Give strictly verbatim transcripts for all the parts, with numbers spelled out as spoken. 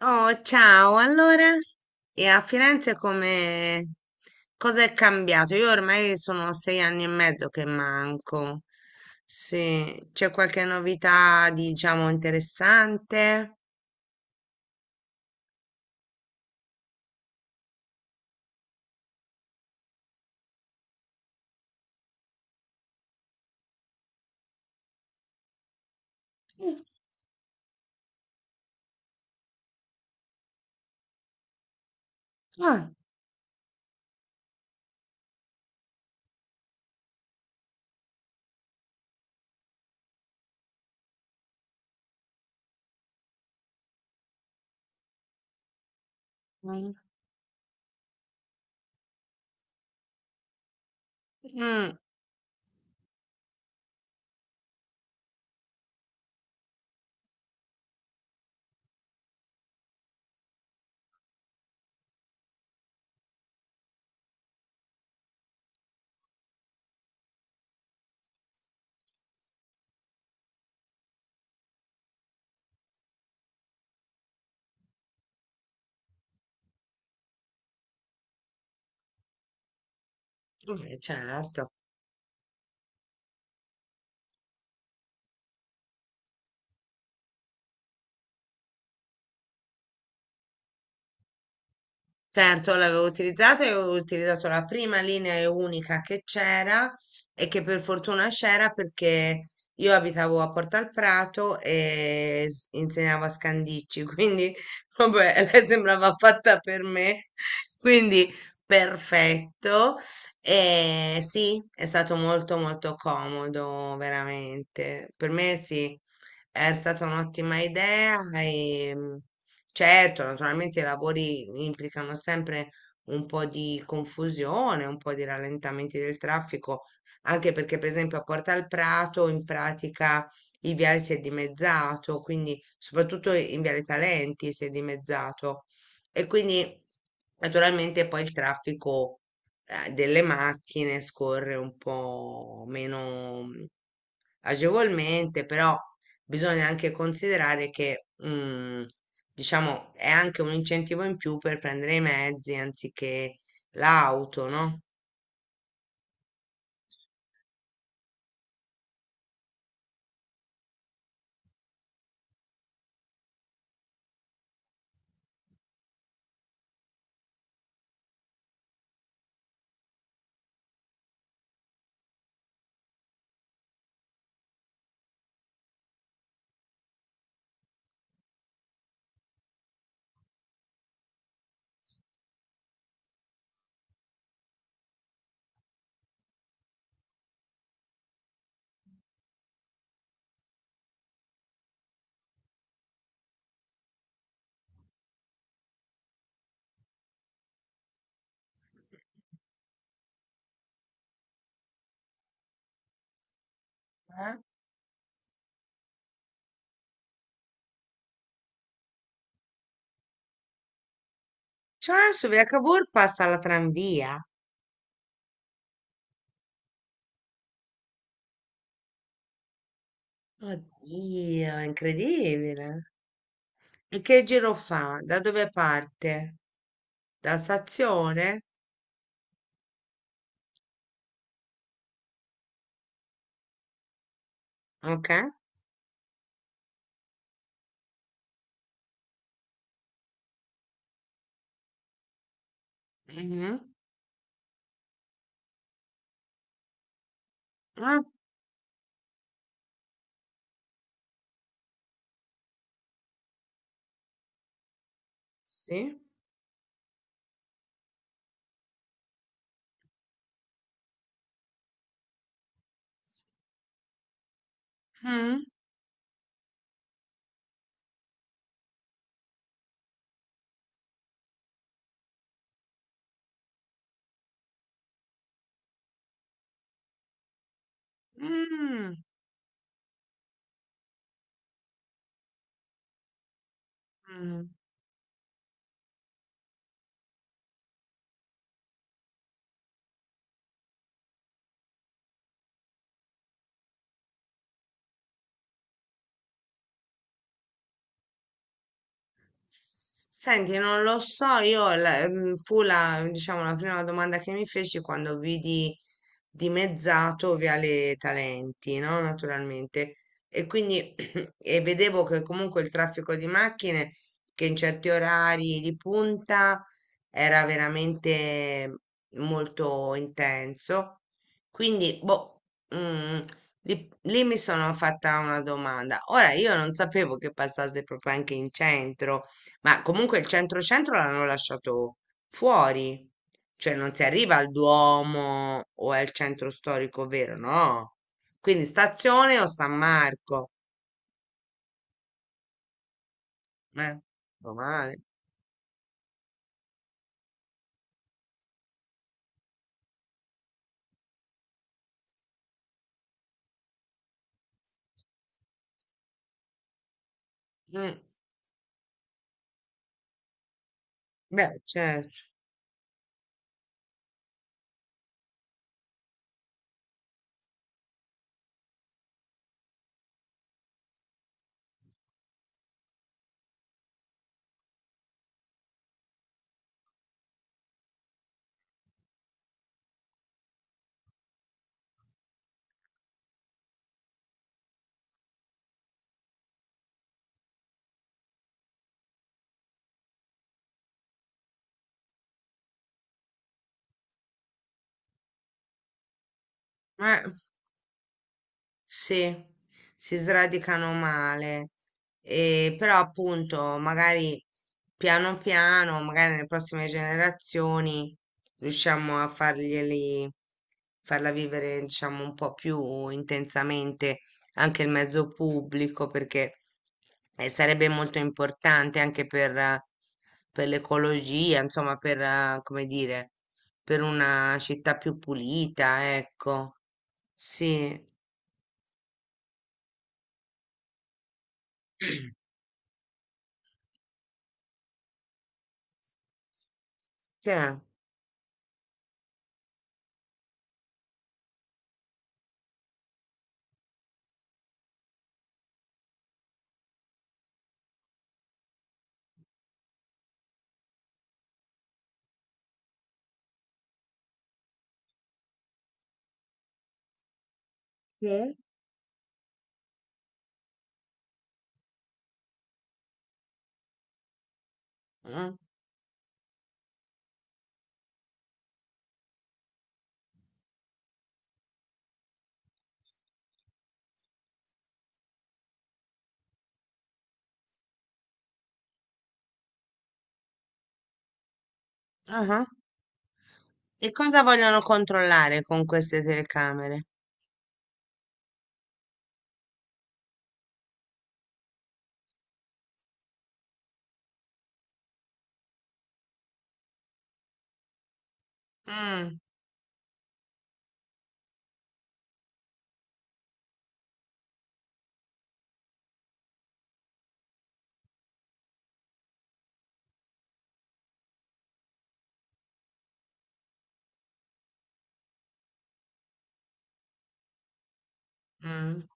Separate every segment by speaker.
Speaker 1: Oh, ciao, allora? E a Firenze come cosa è cambiato? Io ormai sono sei anni e mezzo che manco. Sì, c'è qualche novità, diciamo, interessante? Mm. Ah, mm, mm, eh, certo. Certo, l'avevo utilizzato e avevo utilizzato la prima linea e unica che c'era e che per fortuna c'era, perché io abitavo a Porta al Prato e s- insegnavo a Scandicci, quindi vabbè, lei sembrava fatta per me, quindi perfetto. E sì, è stato molto molto comodo, veramente. Per me sì, è stata un'ottima idea. E certo, naturalmente i lavori implicano sempre un po' di confusione, un po' di rallentamenti del traffico, anche perché per esempio a Porta al Prato, in pratica, il viale si è dimezzato, quindi soprattutto in Viale Talenti si è dimezzato, e quindi naturalmente poi il traffico eh, delle macchine scorre un po' meno agevolmente. Però bisogna anche considerare che, mm, diciamo, è anche un incentivo in più per prendere i mezzi anziché l'auto, no? Eh? Cioè, adesso via Cavour passa la tranvia. Oddio, è incredibile. E che giro fa? Da dove parte? Dalla stazione? Ok. Mhm. Ah, sì. Mm. Mm. Mm. Senti, non lo so, io la- mm, fu la, diciamo, la prima domanda che mi feci quando vidi dimezzato Viale Talenti, no? Naturalmente. E quindi e vedevo che comunque il traffico di macchine, che in certi orari di punta, era veramente molto intenso. Quindi, boh, mm, lì, lì mi sono fatta una domanda. Ora, io non sapevo che passasse proprio anche in centro, ma comunque il centro-centro l'hanno lasciato fuori, cioè non si arriva al Duomo o al centro storico vero, no? Quindi stazione o San Marco, eh, male. Mm, beh, certo. Eh. Sì, si sradicano male, e però appunto magari piano piano, magari nelle prossime generazioni riusciamo a farglieli, farla vivere, diciamo, un po' più intensamente anche il mezzo pubblico, perché eh, sarebbe molto importante anche per, eh, per l'ecologia, insomma, per, eh, come dire, per una città più pulita, ecco, sì. Che è? Sì. Mm. Ah. E cosa vogliono controllare con queste telecamere? Mm, mm,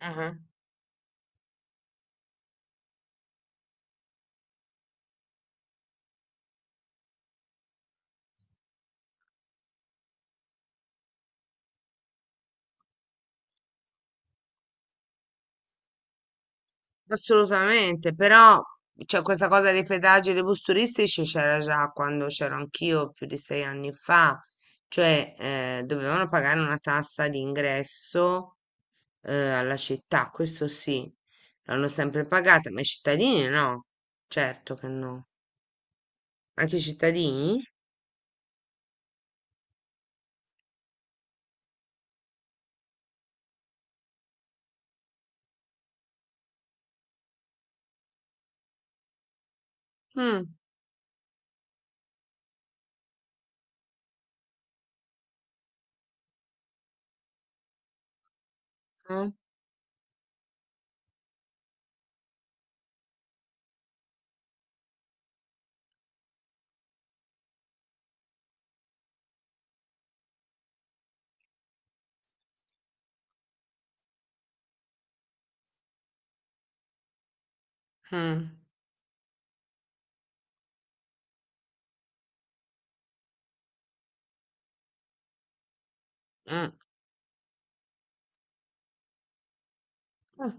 Speaker 1: ah. Assolutamente, però, cioè, questa cosa dei pedaggi e dei bus turistici c'era già quando c'ero anch'io più di sei anni fa, cioè eh, dovevano pagare una tassa di ingresso, eh, alla città, questo sì, l'hanno sempre pagata, ma i cittadini no, certo che no, anche i cittadini? Mm, mm, mm, mm. Ah,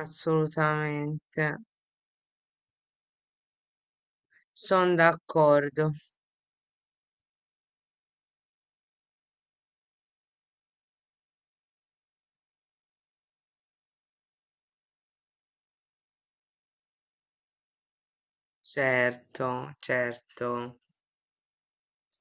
Speaker 1: assolutamente, sono d'accordo, certo, certo.